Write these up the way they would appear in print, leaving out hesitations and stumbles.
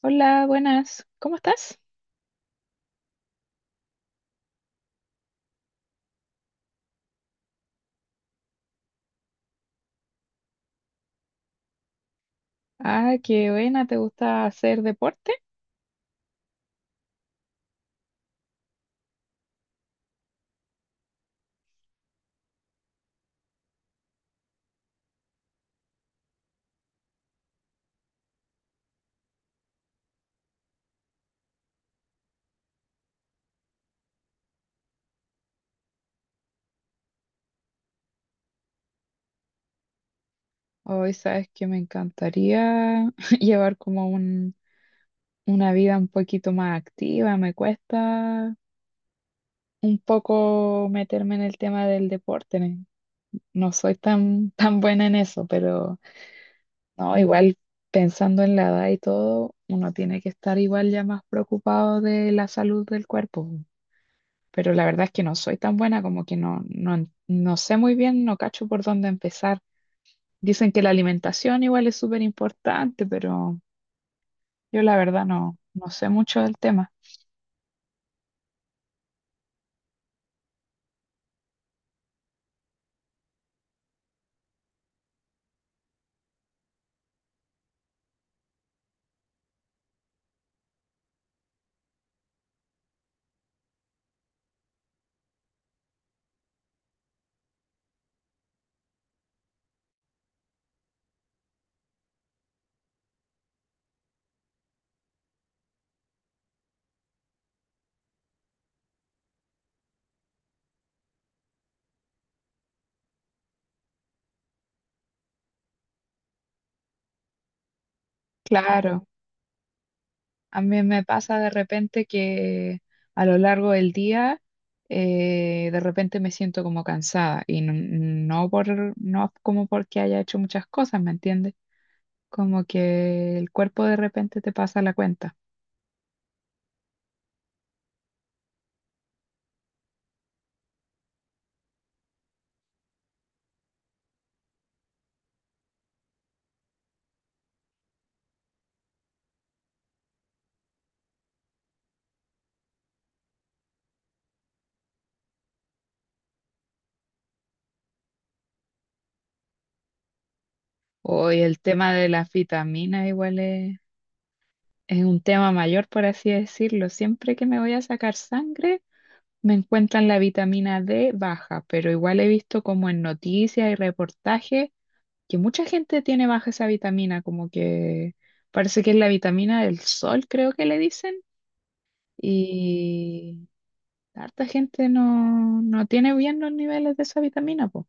Hola, buenas. ¿Cómo estás? Ah, qué buena. ¿Te gusta hacer deporte? Hoy sabes que me encantaría llevar como un, una vida un poquito más activa. Me cuesta un poco meterme en el tema del deporte. No soy tan buena en eso, pero no, igual pensando en la edad y todo, uno tiene que estar igual ya más preocupado de la salud del cuerpo. Pero la verdad es que no soy tan buena, como que no, no, no sé muy bien, no cacho por dónde empezar. Dicen que la alimentación igual es súper importante, pero yo la verdad no, no sé mucho del tema. Claro, a mí me pasa de repente que a lo largo del día, de repente me siento como cansada y no, no como porque haya hecho muchas cosas, ¿me entiendes? Como que el cuerpo de repente te pasa la cuenta. Hoy el tema de las vitaminas igual es un tema mayor, por así decirlo. Siempre que me voy a sacar sangre, me encuentran la vitamina D baja, pero igual he visto como en noticias y reportajes que mucha gente tiene baja esa vitamina, como que parece que es la vitamina del sol, creo que le dicen, y harta gente no, no tiene bien los niveles de esa vitamina, po.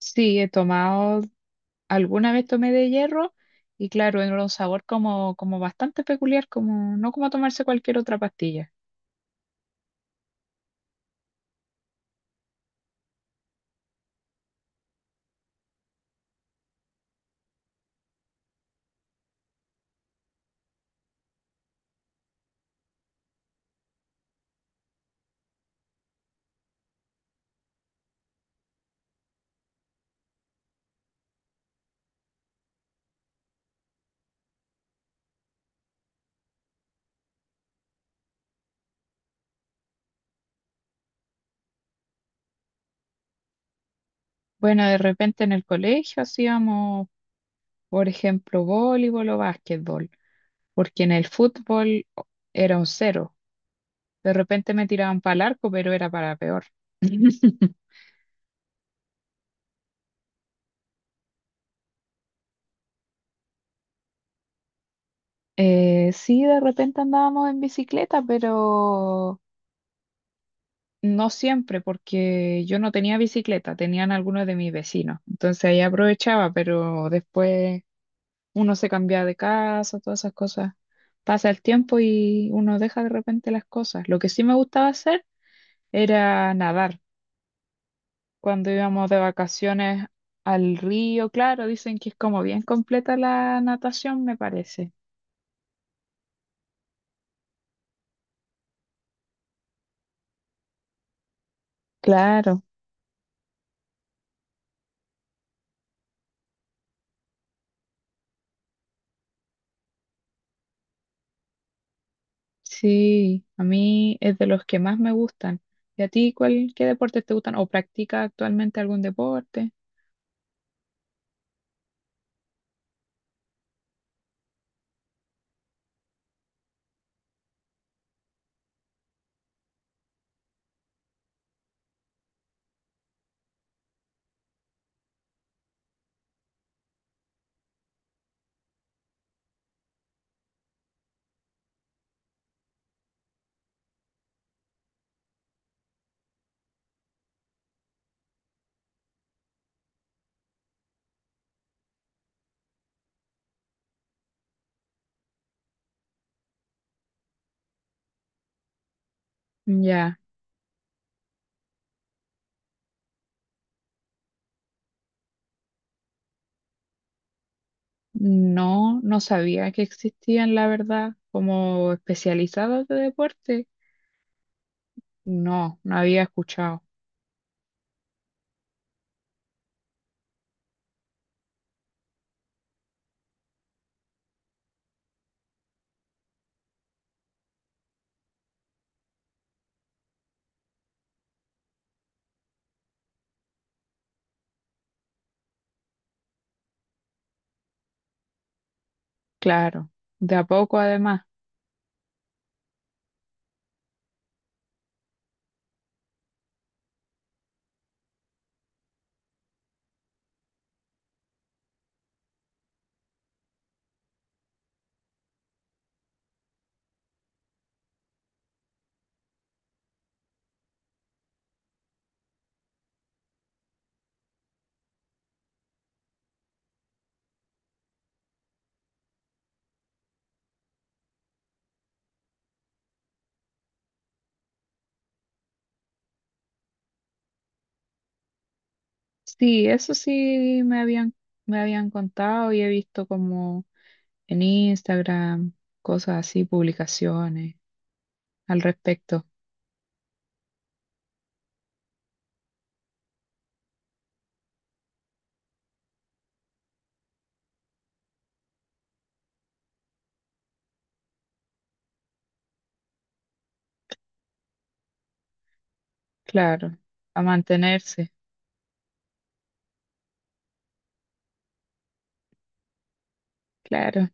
Sí, he tomado, alguna vez tomé de hierro. Y claro, era un sabor como, como bastante peculiar, como, no como tomarse cualquier otra pastilla. Bueno, de repente en el colegio hacíamos, por ejemplo, voleibol o básquetbol, porque en el fútbol era un cero. De repente me tiraban para el arco, pero era para peor. Sí, de repente andábamos en bicicleta, pero no siempre, porque yo no tenía bicicleta, tenían algunos de mis vecinos. Entonces ahí aprovechaba, pero después uno se cambia de casa, todas esas cosas. Pasa el tiempo y uno deja de repente las cosas. Lo que sí me gustaba hacer era nadar. Cuando íbamos de vacaciones al río, claro, dicen que es como bien completa la natación, me parece. Claro, sí, a mí es de los que más me gustan. ¿Y a ti cuál, qué deportes te gustan o practicas actualmente algún deporte? Ya, no, no sabía que existían, la verdad, como especializados de deporte. No, no había escuchado. Claro, de a poco además. Sí, eso sí me habían contado y he visto como en Instagram, cosas así, publicaciones al respecto. Claro, a mantenerse, claro.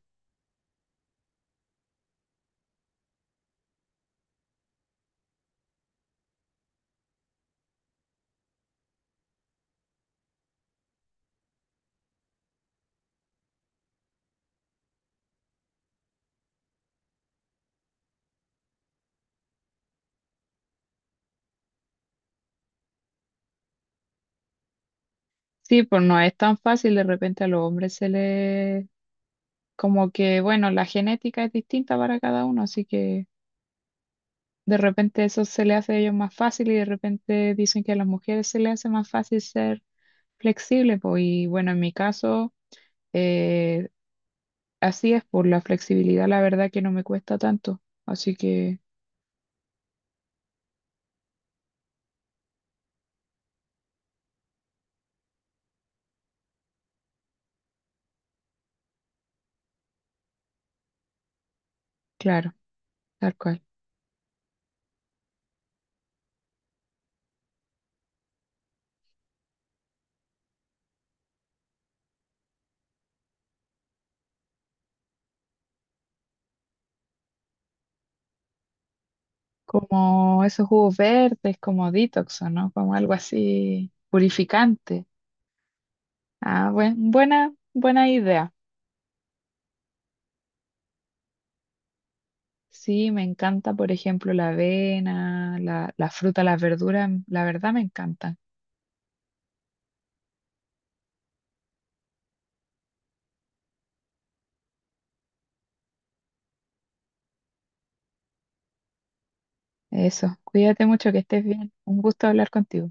Sí, pues no es tan fácil, de repente a los hombres se les, como que, bueno, la genética es distinta para cada uno, así que de repente eso se le hace a ellos más fácil y de repente dicen que a las mujeres se les hace más fácil ser flexible, pues y bueno, en mi caso eh, Así es, por la flexibilidad, la verdad que no me cuesta tanto. Así que, claro, tal cual. Como esos jugos verdes, como detox, ¿o no? Como algo así purificante. Ah, buena, buena idea. Sí, me encanta, por ejemplo, la avena, la fruta, las verduras, la verdad me encantan. Eso, cuídate mucho, que estés bien. Un gusto hablar contigo.